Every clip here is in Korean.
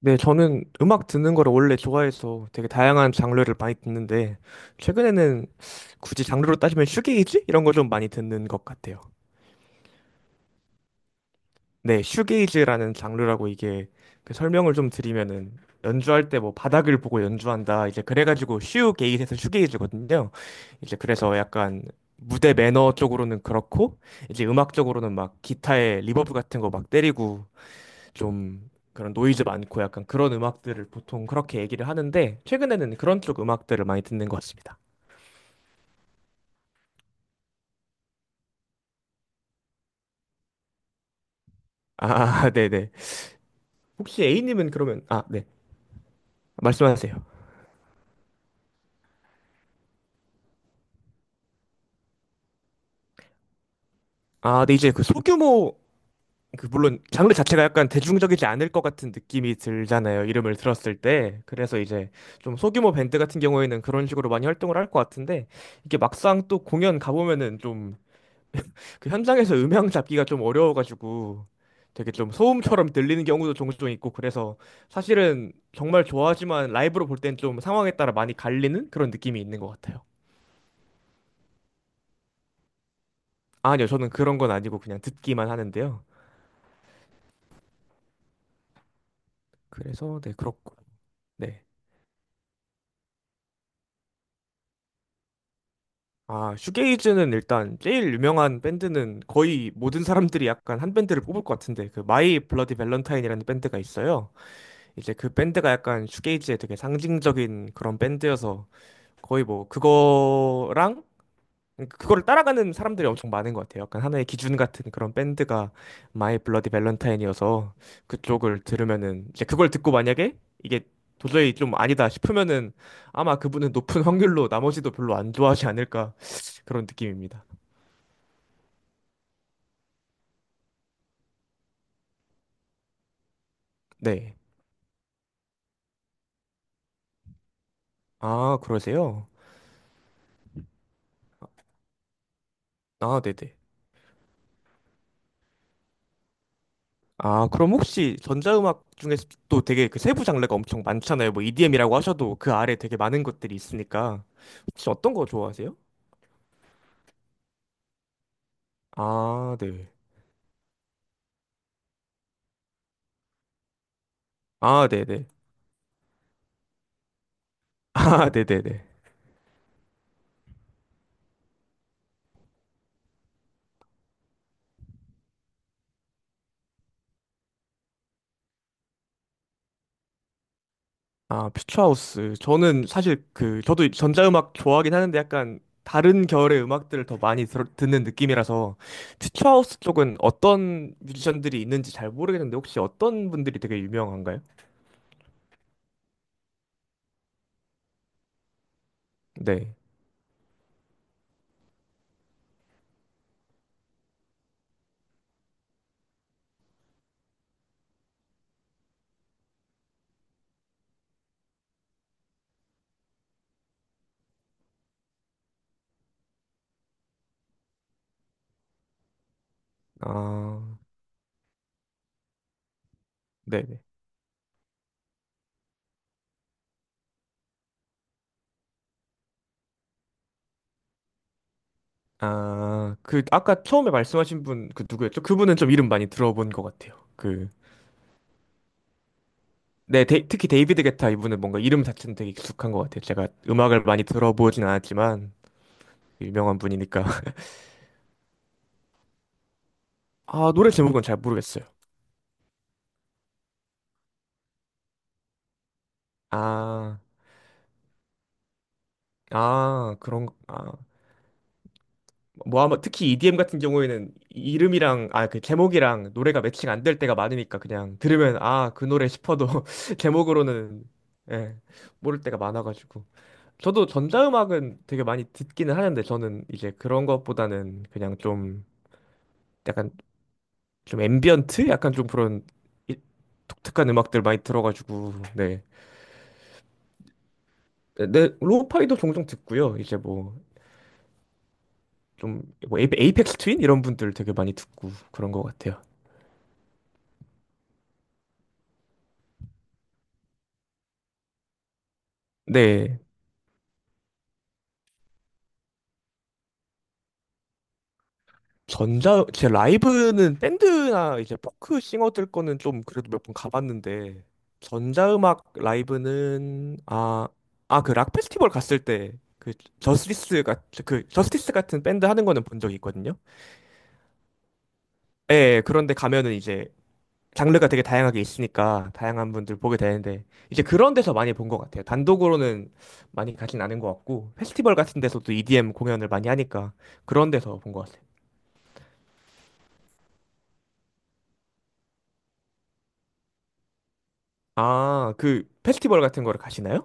네, 저는 음악 듣는 거를 원래 좋아해서 되게 다양한 장르를 많이 듣는데, 최근에는 굳이 장르로 따지면 슈게이즈? 이런 거 좀 많이 듣는 것 같아요. 네, 슈게이즈라는 장르라고 이게 그 설명을 좀 드리면은, 연주할 때 뭐 바닥을 보고 연주한다. 이제 그래가지고 슈게이즈에서 슈게이즈거든요. 이제 그래서 약간 무대 매너 쪽으로는 그렇고, 이제 음악적으로는 막 기타에 리버브 같은 거 막 때리고, 좀 그런 노이즈 많고 약간 그런 음악들을 보통 그렇게 얘기를 하는데 최근에는 그런 쪽 음악들을 많이 듣는 것 같습니다. 아, 네네. 혹시 A님은 그러면 아, 네. 말씀하세요. 아, 네 이제 그 소규모 그 물론 장르 자체가 약간 대중적이지 않을 것 같은 느낌이 들잖아요. 이름을 들었을 때. 그래서 이제 좀 소규모 밴드 같은 경우에는 그런 식으로 많이 활동을 할 것 같은데 이게 막상 또 공연 가보면은 좀 그 현장에서 음향 잡기가 좀 어려워가지고 되게 좀 소음처럼 들리는 경우도 종종 있고 그래서 사실은 정말 좋아하지만 라이브로 볼 땐 좀 상황에 따라 많이 갈리는 그런 느낌이 있는 것 같아요. 아, 아니요, 저는 그런 건 아니고 그냥 듣기만 하는데요. 그래서 네, 그렇고. 네. 아, 슈게이즈는 일단 제일 유명한 밴드는 거의 모든 사람들이 약간 한 밴드를 뽑을 것 같은데 그 마이 블러디 밸런타인이라는 밴드가 있어요. 이제 그 밴드가 약간 슈게이지의 되게 상징적인 그런 밴드여서 거의 뭐 그거랑 그거를 따라가는 사람들이 엄청 많은 것 같아요. 약간 하나의 기준 같은 그런 밴드가 마이 블러디 밸런타인이어서 그쪽을 들으면은 이제 그걸 듣고 만약에 이게 도저히 좀 아니다 싶으면은 아마 그분은 높은 확률로 나머지도 별로 안 좋아하지 않을까 그런 느낌입니다. 네. 아, 그러세요? 아, 네네. 아, 그럼 혹시 전자음악 중에서 또 되게 그 세부 장르가 엄청 많잖아요. 뭐 EDM이라고 하셔도 그 아래 되게 많은 것들이 있으니까. 혹시 어떤 거 좋아하세요? 아, 네. 아, 네네. 아, 네네네. 아, 퓨처하우스. 저는 사실 그, 저도 전자음악 좋아하긴 하는데 약간 다른 결의 음악들을 더 많이 듣는 느낌이라서 퓨처하우스 쪽은 어떤 뮤지션들이 있는지 잘 모르겠는데 혹시 어떤 분들이 되게 유명한가요? 네. 아, 네. 네. 아, 그 아까 처음에 말씀하신 분 그 누구였죠? 그분은 좀 이름 많이 들어본 것 같아요. 그 네, 특히 데이비드 게타 이분은 뭔가 이름 자체는 되게 익숙한 것 같아요. 제가 음악을 많이 들어보진 않았지만 유명한 분이니까. 아, 노래 제목은 잘 모르겠어요. 아, 아, 그런 아, 뭐 아마 특히 EDM 같은 경우에는 이름이랑 아, 그 제목이랑 노래가 매칭 안 될 때가 많으니까 그냥 들으면 아, 그 노래 싶어도 제목으로는 예, 모를 때가 많아가지고. 저도 전자음악은 되게 많이 듣기는 하는데 저는 이제 그런 것보다는 그냥 좀 약간 좀 앰비언트? 약간 좀 그런 이- 독특한 음악들 많이 들어가지고 네. 네, 네, 로우파이도 종종 듣고요. 이제 뭐 좀 뭐 에이펙스 트윈 이런 분들 되게 많이 듣고 그런 것 같아요. 네. 전자 제 라이브는 밴드나 이제 포크 싱어들 거는 좀 그래도 몇 번 가봤는데 전자음악 라이브는 그 락 페스티벌 갔을 때 그 저스티스 같은 그 저스티스 같은 밴드 하는 거는 본 적이 있거든요. 예, 예, 그런데 가면은 이제 장르가 되게 다양하게 있으니까 다양한 분들 보게 되는데 이제 그런 데서 많이 본 것 같아요. 단독으로는 많이 가진 않은 것 같고 페스티벌 같은 데서도 EDM 공연을 많이 하니까 그런 데서 본 것 같아요. 아, 그 페스티벌 같은 거를 가시나요?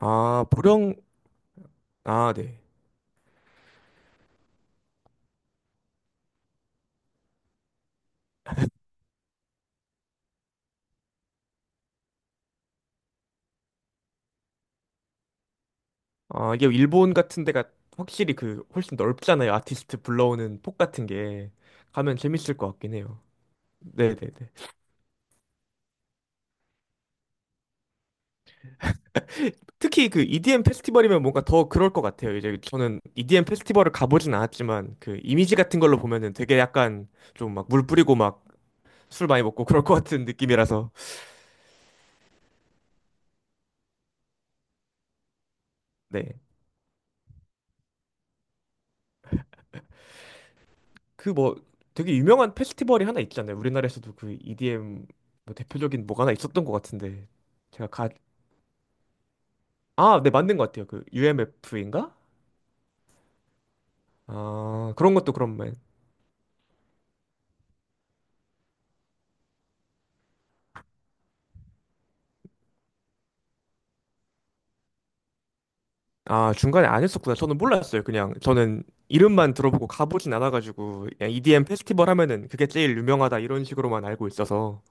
아, 보령, 아, 네. 아, 이게 일본 같은 데가 확실히 그 훨씬 넓잖아요. 아티스트 불러오는 폭 같은 게. 가면 재밌을 것 같긴 해요. 네네네. 특히 그 EDM 페스티벌이면 뭔가 더 그럴 것 같아요. 이제 저는 EDM 페스티벌을 가보진 않았지만 그 이미지 같은 걸로 보면은 되게 약간 좀 막 물 뿌리고 막 술 많이 먹고 그럴 것 같은 느낌이라서. 네. 그 뭐 되게 유명한 페스티벌이 하나 있잖아요. 우리나라에서도 그 EDM 뭐 대표적인 뭐가 하나 있었던 것 같은데. 제가 가 아, 네, 맞는 것 같아요. 그 UMF인가? 아, 그런 것도 그런 말 아, 중간에 안 했었구나. 저는 몰랐어요. 그냥 저는 이름만 들어보고 가보진 않아가지고 그냥 EDM 페스티벌 하면은 그게 제일 유명하다 이런 식으로만 알고 있어서.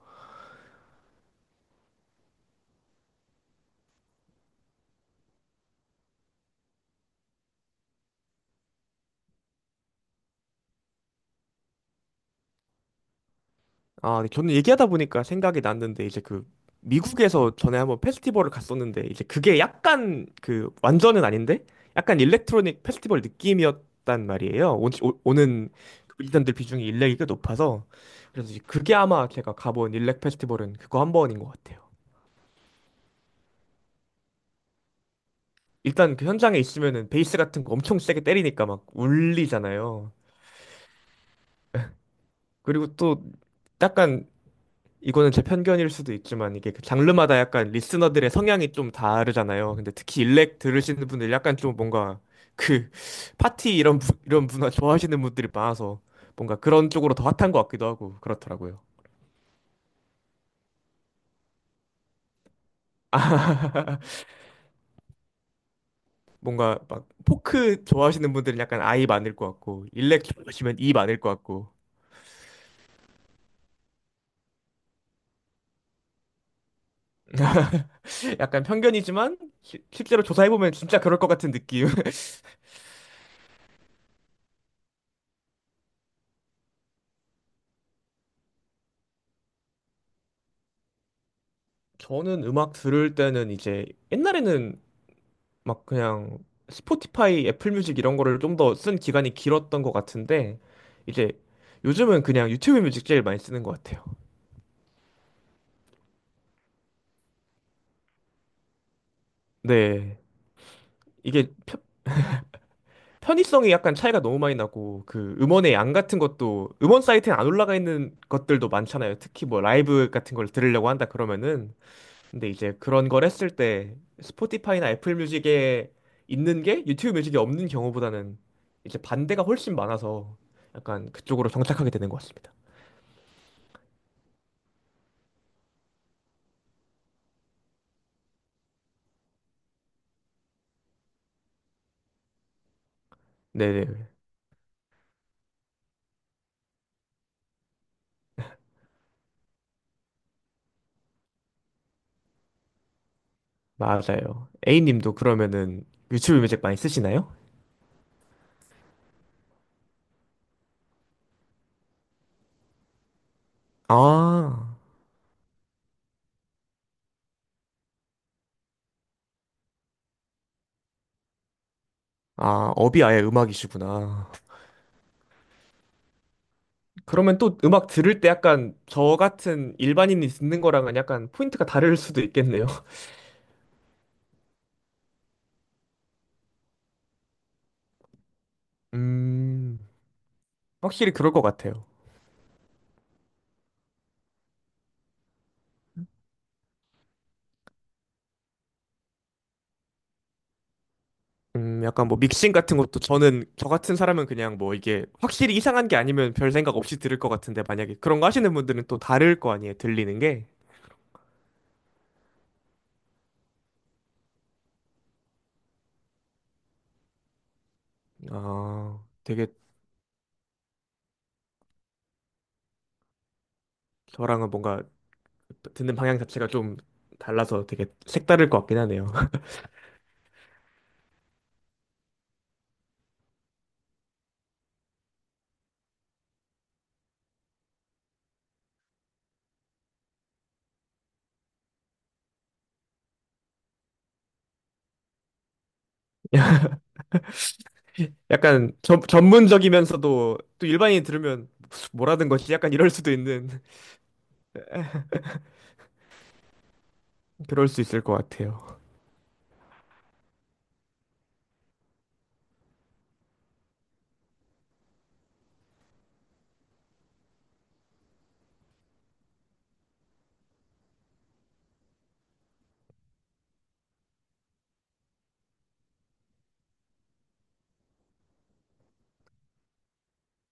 아, 네, 저는 얘기하다 보니까 생각이 났는데 이제 그 미국에서 전에 한번 페스티벌을 갔었는데 이제 그게 약간 그 완전은 아닌데 약간 일렉트로닉 페스티벌 느낌이었단 말이에요. 오, 는 일단들 비중이 일렉이 꽤 높아서 그래서 이제 그게 아마 제가 가본 일렉 페스티벌은 그거 한 번인 것 같아요. 일단 그 현장에 있으면은 베이스 같은 거 엄청 세게 때리니까 막 울리잖아요. 그리고 또 약간 이거는 제 편견일 수도 있지만 이게 그 장르마다 약간 리스너들의 성향이 좀 다르잖아요. 근데 특히 일렉 들으시는 분들 약간 좀 뭔가 그 파티 이런 이런 문화 좋아하시는 분들이 많아서 뭔가 그런 쪽으로 더 핫한 것 같기도 하고 그렇더라고요. 뭔가 막 포크 좋아하시는 분들은 약간 아이 많을 것 같고 일렉 좋아하시면 이 많을 것 같고 약간 편견이지만 실제로 조사해보면 진짜 그럴 것 같은 느낌. 저는 음악 들을 때는 이제 옛날에는 막 그냥 스포티파이, 애플 뮤직 이런 거를 좀 더 쓴 기간이 길었던 것 같은데 이제 요즘은 그냥 유튜브 뮤직 제일 많이 쓰는 것 같아요. 네. 이게 편- 편의성이 약간 차이가 너무 많이 나고 그 음원의 양 같은 것도 음원 사이트에 안 올라가 있는 것들도 많잖아요. 특히 뭐 라이브 같은 걸 들으려고 한다 그러면은 근데 이제 그런 걸 했을 때 스포티파이나 애플 뮤직에 있는 게 유튜브 뮤직에 없는 경우보다는 이제 반대가 훨씬 많아서 약간 그쪽으로 정착하게 되는 것 같습니다. 네네. 맞아요. A님도 그러면은 유튜브 뮤직 많이 쓰시나요? 아, 아, 업이 아예 음악이시구나. 그러면 또 음악 들을 때 약간 저 같은 일반인이 듣는 거랑은 약간 포인트가 다를 수도 있겠네요. 음, 확실히 그럴 것 같아요. 약간 뭐 믹싱 같은 것도 저는 저 같은 사람은 그냥 뭐 이게 확실히 이상한 게 아니면 별 생각 없이 들을 것 같은데 만약에 그런 거 하시는 분들은 또 다를 거 아니에요, 들리는 게. 아, 되게 저랑은 뭔가 듣는 방향 자체가 좀 달라서 되게 색다를 것 같긴 하네요. 약간 전 전문적이면서도 또 일반인이 들으면 뭐라는 거지? 약간 이럴 수도 있는 그럴 수 있을 것 같아요.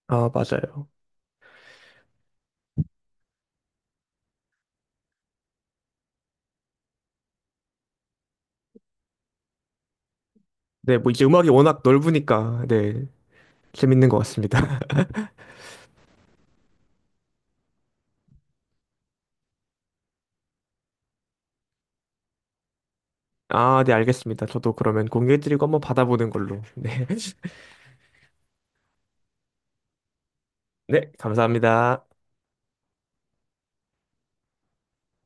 아, 맞아요. 네, 뭐 이제 음악이 워낙 넓으니까 네, 재밌는 것 같습니다. 아, 네, 알겠습니다. 저도 그러면 공개해드리고 한번 받아보는 걸로. 네, 네, 감사합니다.